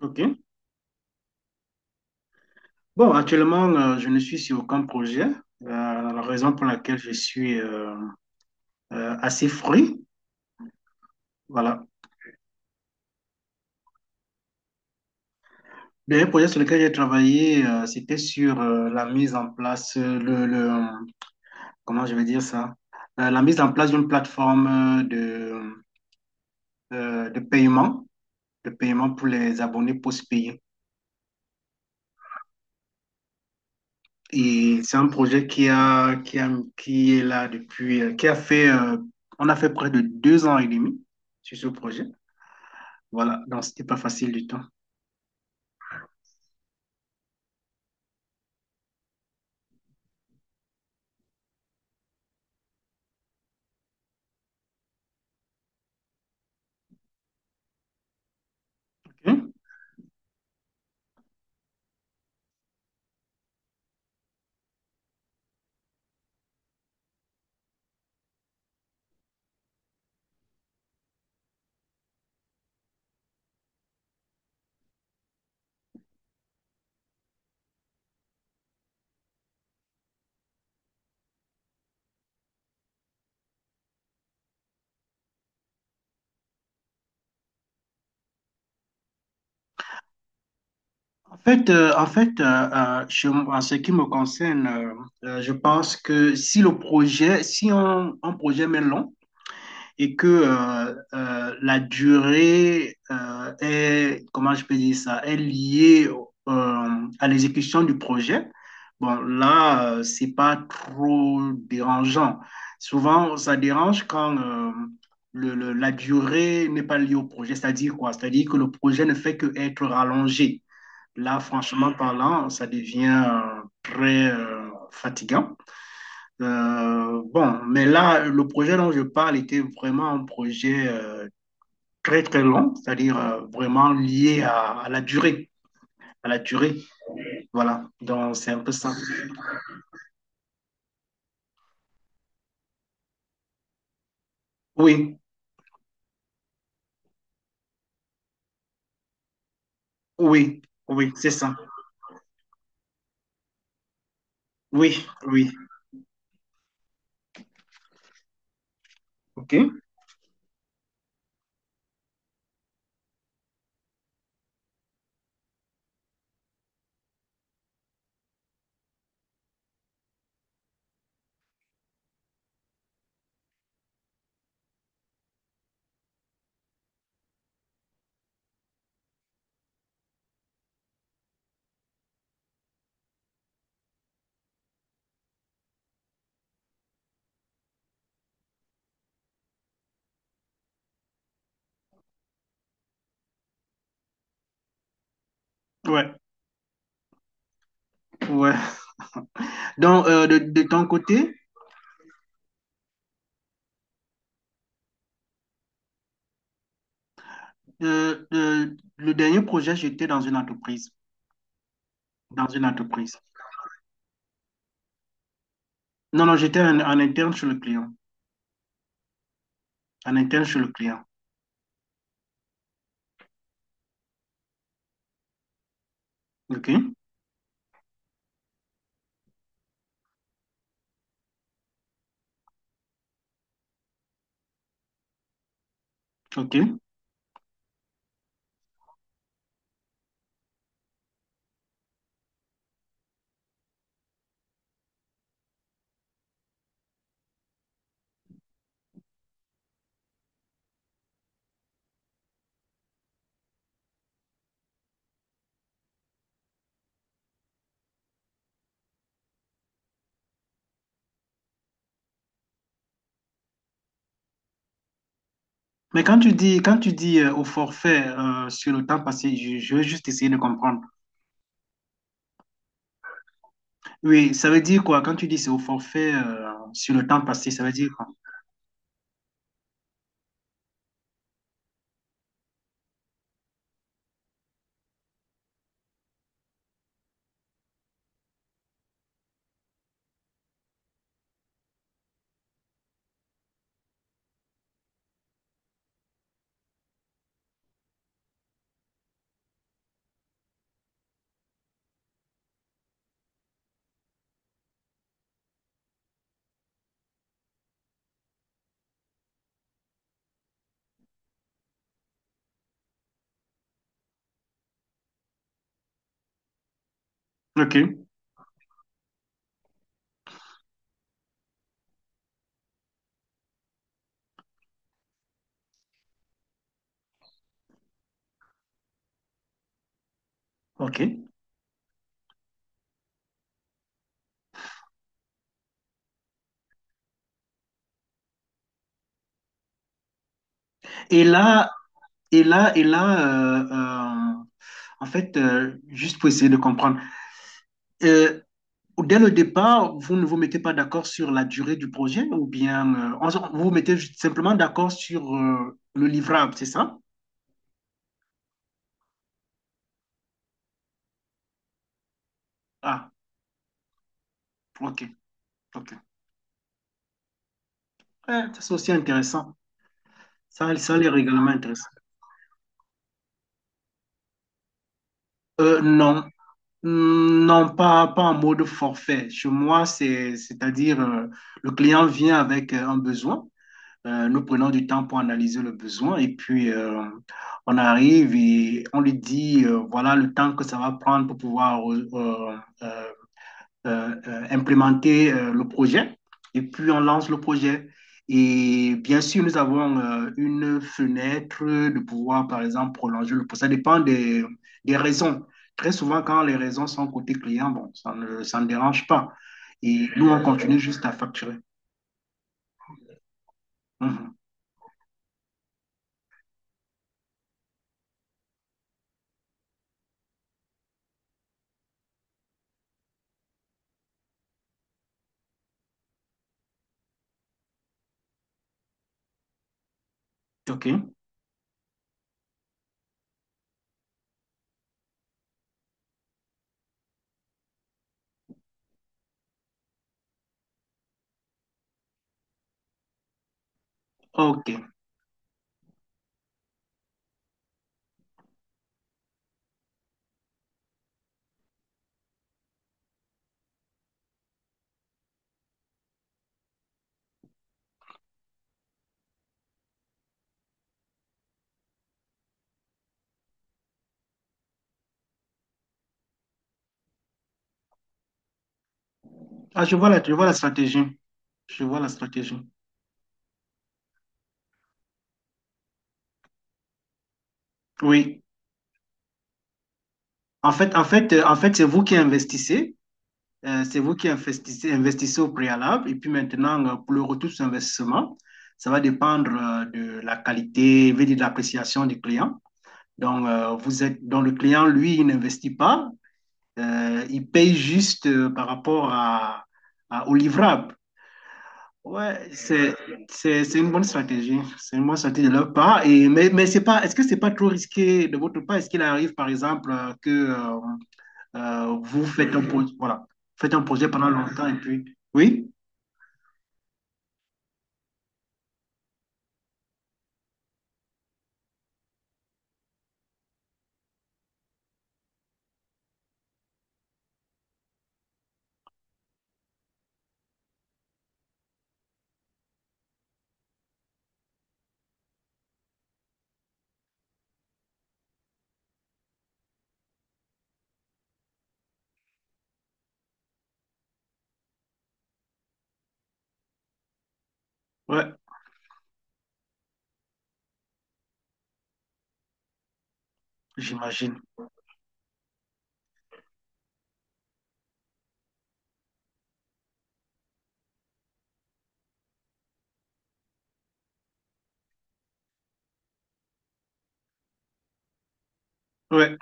OK. Bon, actuellement, je ne suis sur aucun projet. La raison pour laquelle je suis assez fruit, voilà. Le dernier projet sur lequel j'ai travaillé, c'était sur la mise en place, comment je vais dire ça? La mise en place d'une plateforme euh, de paiement, de paiement pour les abonnés post-payés. Et c'est un projet qui est là depuis, on a fait près de 2 ans et demi sur ce projet. Voilà, donc c'était pas facile du tout. Ok. En fait, en ce qui me concerne, je pense que si le projet, si un projet met long, et que la durée est, comment je peux dire ça, est liée à l'exécution du projet, bon, là, c'est pas trop dérangeant. Souvent, ça dérange quand la durée n'est pas liée au projet, c'est-à-dire quoi? C'est-à-dire que le projet ne fait que être rallongé. Là, franchement parlant, ça devient très fatigant. Bon, mais là, le projet dont je parle était vraiment un projet très, très long, c'est-à-dire vraiment lié à la durée, à la durée. Voilà, donc c'est un peu ça. Oui, oui, oui, c'est ça. Oui, oui. OK. Ouais, ouais. Donc, de ton côté, le dernier projet, j'étais dans une entreprise, dans une entreprise. Non, non, en interne chez le client, en interne chez le client. OK, OK. Mais quand tu dis au forfait sur le temps passé, je vais juste essayer de comprendre. Oui, ça veut dire quoi? Quand tu dis c'est au forfait sur le temps passé, ça veut dire quoi? Ok, ok. Et là, et là, et là, euh, euh, en fait, juste pour essayer de comprendre, euh, dès le départ, vous ne vous mettez pas d'accord sur la durée du projet ou bien vous vous mettez juste simplement d'accord sur le livrable, c'est ça? Ah, ok, ok. Ouais, ça, c'est aussi intéressant. Ça les règlements intéressants. Non, non, pas en mode forfait. Chez moi, c'est-à-dire le client vient avec un besoin. Nous prenons du temps pour analyser le besoin et puis on arrive et on lui dit voilà le temps que ça va prendre pour pouvoir euh, implémenter le projet et puis on lance le projet. Et bien sûr, nous avons une fenêtre de pouvoir, par exemple, prolonger le procès. Ça dépend des raisons. Très souvent, quand les raisons sont côté client, bon, ça ne dérange pas. Et nous, on continue juste à facturer. Mhm. OK. OK. Ah, je vois la stratégie. Je vois la stratégie. Oui. En fait, c'est vous qui investissez. C'est vous qui investissez, investissez au préalable. Et puis maintenant, pour le retour sur investissement, ça va dépendre de la qualité, je de l'appréciation du client. Donc, le client, lui, il n'investit pas. Il paye juste par rapport à- au livrable. Ouais, c'est, c'est une bonne stratégie. C'est une bonne stratégie de leur part. Et, mais c'est pas, est-ce que c'est pas trop risqué de votre part? Est-ce qu'il arrive, par exemple, vous faites un projet, voilà, faites un projet pendant longtemps et puis, oui, ouais, j'imagine. Ouais.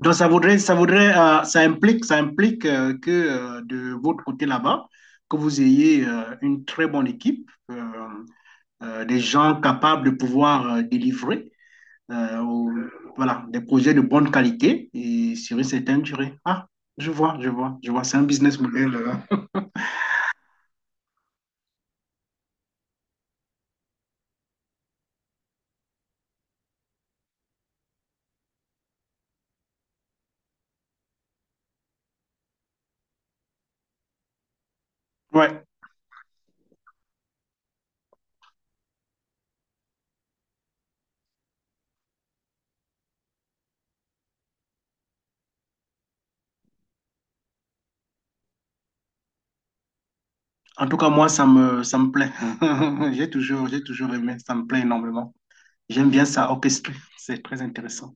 Donc ça implique que de votre côté là-bas, que vous ayez une très bonne équipe, des gens capables de pouvoir délivrer, euh, au- voilà, des projets de bonne qualité et sur une certaine durée. Ah, je vois, je vois, je vois, c'est un business model. Ouais. En tout cas, moi, ça me plaît. J'ai toujours aimé. Ça me plaît énormément. J'aime bien ça orchestré. C'est très intéressant.